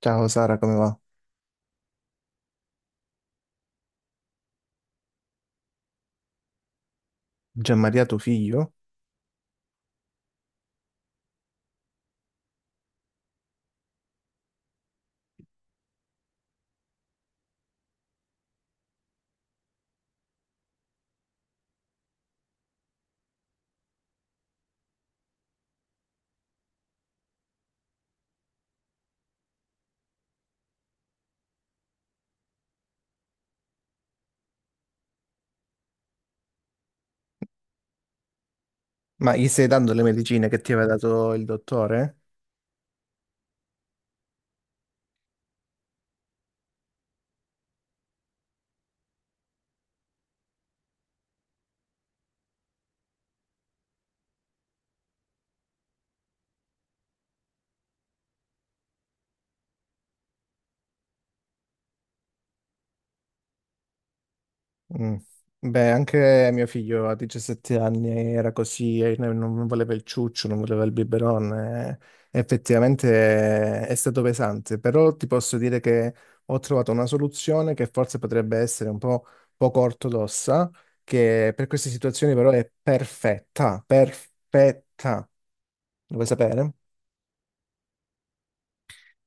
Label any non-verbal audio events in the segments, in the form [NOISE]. Ciao Sara, come va? Gianmaria, tuo figlio? Ma gli stai dando le medicine che ti aveva dato il dottore? Mm. Beh, anche mio figlio a 17 anni era così, e non voleva il ciuccio, non voleva il biberon. Eh. Effettivamente è stato pesante, però ti posso dire che ho trovato una soluzione che forse potrebbe essere un po' poco ortodossa, che per queste situazioni però è perfetta, perfetta. Lo vuoi sapere?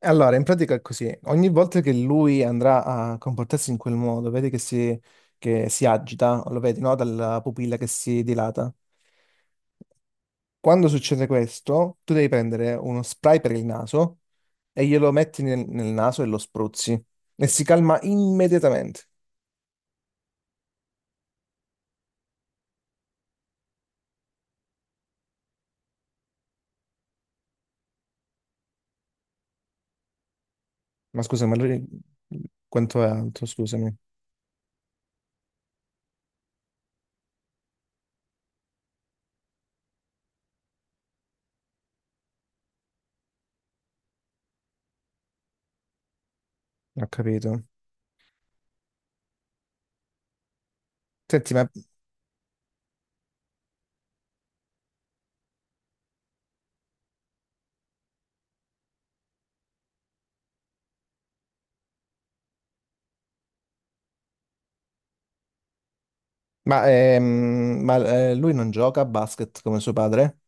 Allora, in pratica è così. Ogni volta che lui andrà a comportarsi in quel modo, vedi che che si agita, lo vedi, no? Dalla pupilla che si dilata. Quando succede questo, tu devi prendere uno spray per il naso e glielo metti nel naso e lo spruzzi. E si calma immediatamente. Ma scusa, ma lui quanto è alto? Scusami, ho capito. Senti, ma, ehm, ma, lui non gioca a basket come suo padre?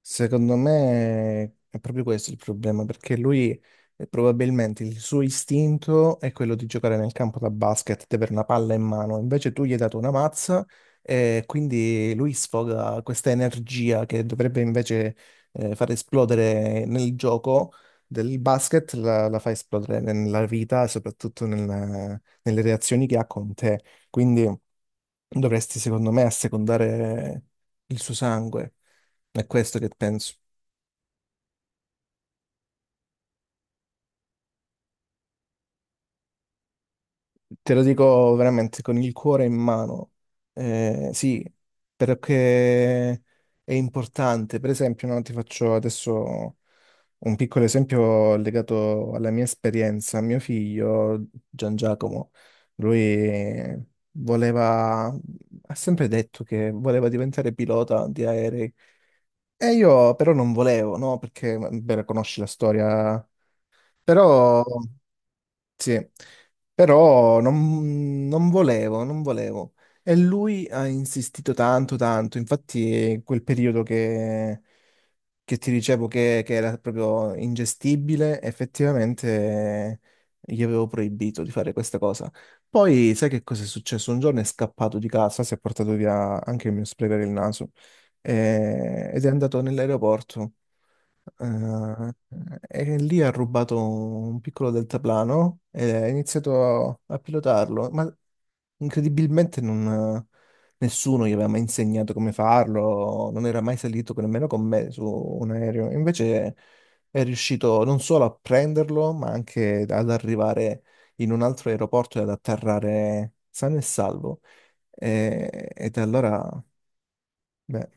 Secondo me è proprio questo il problema, perché lui probabilmente il suo istinto è quello di giocare nel campo da basket, di avere una palla in mano, invece tu gli hai dato una mazza e quindi lui sfoga questa energia che dovrebbe invece far esplodere nel gioco del basket, la fa esplodere nella vita e soprattutto nelle reazioni che ha con te. Quindi dovresti, secondo me, assecondare il suo sangue. È questo che penso. Te lo dico veramente con il cuore in mano. Sì, perché è importante. Per esempio, no, ti faccio adesso un piccolo esempio legato alla mia esperienza. Mio figlio, Gian Giacomo, lui voleva, ha sempre detto che voleva diventare pilota di aerei. E io però non volevo, no? Perché, beh, conosci la storia. Però... Sì, però non volevo, non volevo. E lui ha insistito tanto, tanto. Infatti, in quel periodo che ti dicevo che era proprio ingestibile, effettivamente gli avevo proibito di fare questa cosa. Poi, sai che cosa è successo? Un giorno è scappato di casa, si è portato via anche il mio spray per il naso ed è andato nell'aeroporto. Eh, e lì ha rubato un piccolo deltaplano e ha iniziato a pilotarlo, ma incredibilmente nessuno gli aveva mai insegnato come farlo, non era mai salito nemmeno con me su un aereo. Invece è riuscito non solo a prenderlo, ma anche ad arrivare in un altro aeroporto e ad atterrare sano e salvo. E da allora, beh,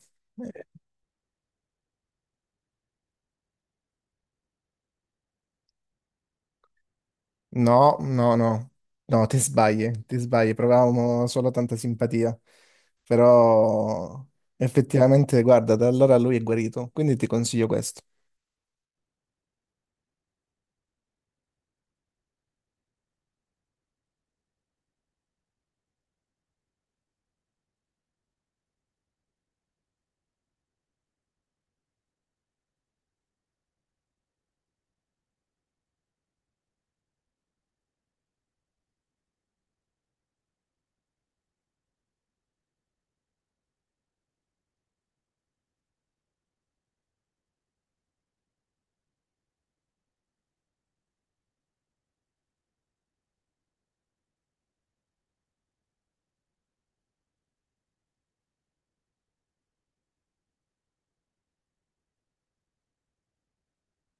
no, no, no, no, ti sbagli, provavamo solo tanta simpatia, però effettivamente, guarda, da allora lui è guarito, quindi ti consiglio questo.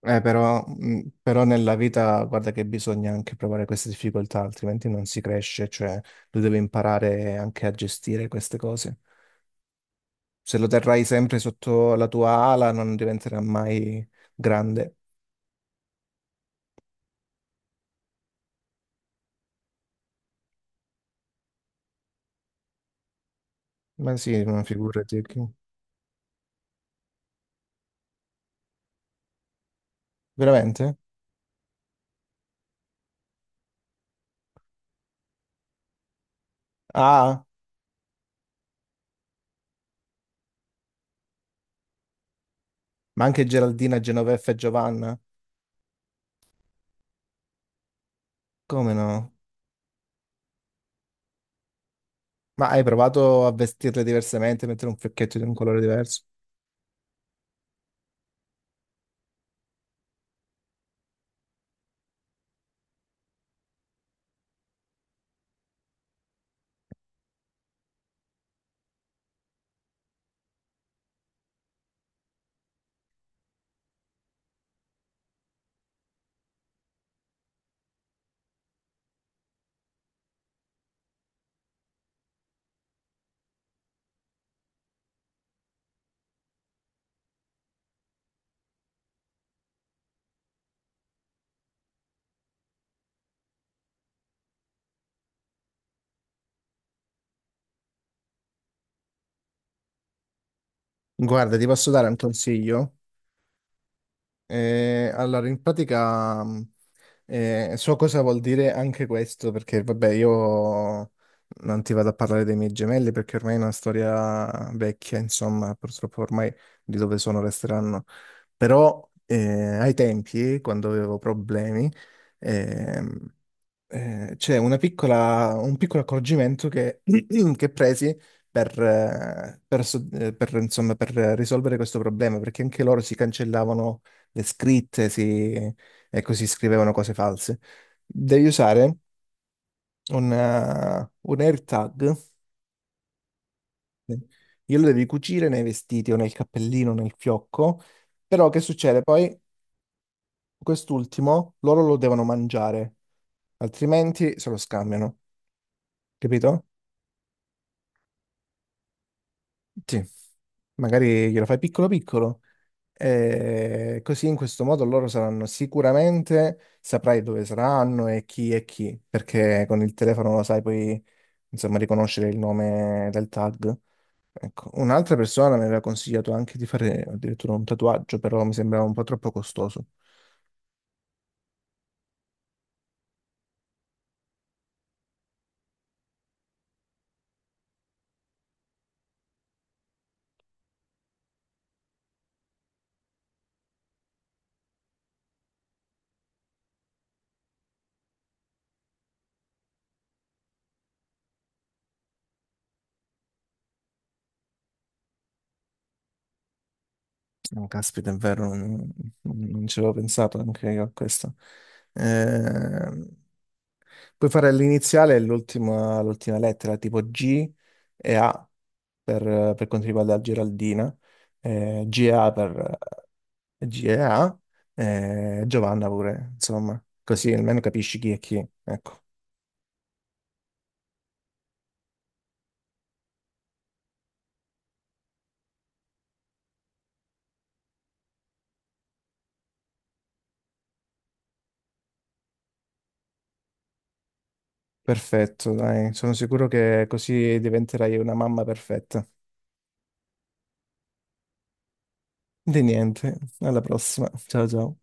Però, però nella vita, guarda che bisogna anche provare queste difficoltà, altrimenti non si cresce, cioè tu devi imparare anche a gestire queste cose. Se lo terrai sempre sotto la tua ala, non diventerà mai grande. Ma sì, ma figurati, che- veramente? Ah. Ma anche Geraldina, Genoveffa e Giovanna? Come no? Ma hai provato a vestirle diversamente, mettere un fiocchetto di un colore diverso? Guarda, ti posso dare un consiglio? Allora, in pratica so cosa vuol dire anche questo, perché vabbè, io non ti vado a parlare dei miei gemelli perché ormai è una storia vecchia, insomma, purtroppo ormai di dove sono resteranno. Però ai tempi, quando avevo problemi, ehm, c'è una piccola, un piccolo accorgimento [CLEARS THROAT] che presi per, insomma, per risolvere questo problema, perché anche loro si cancellavano le scritte, ecco, si scrivevano cose false. Devi usare un air tag, glielo devi cucire nei vestiti o nel cappellino, nel fiocco, però che succede? Poi quest'ultimo loro lo devono mangiare, altrimenti se lo scambiano, capito? Sì, magari glielo fai piccolo piccolo. E così in questo modo loro saranno sicuramente, saprai dove saranno e chi è chi, perché con il telefono lo sai poi insomma, riconoscere il nome del tag. Ecco, un'altra persona mi aveva consigliato anche di fare addirittura un tatuaggio, però mi sembrava un po' troppo costoso. Oh, caspita, è vero, non ci avevo pensato anche io a questo. Ehm, puoi fare l'iniziale e l'ultima lettera, tipo G e A per quanto riguarda la Geraldina, GA per G e A, Giovanna pure, insomma, così almeno capisci chi è chi, ecco. Perfetto, dai, sono sicuro che così diventerai una mamma perfetta. Di niente, alla prossima. Ciao ciao.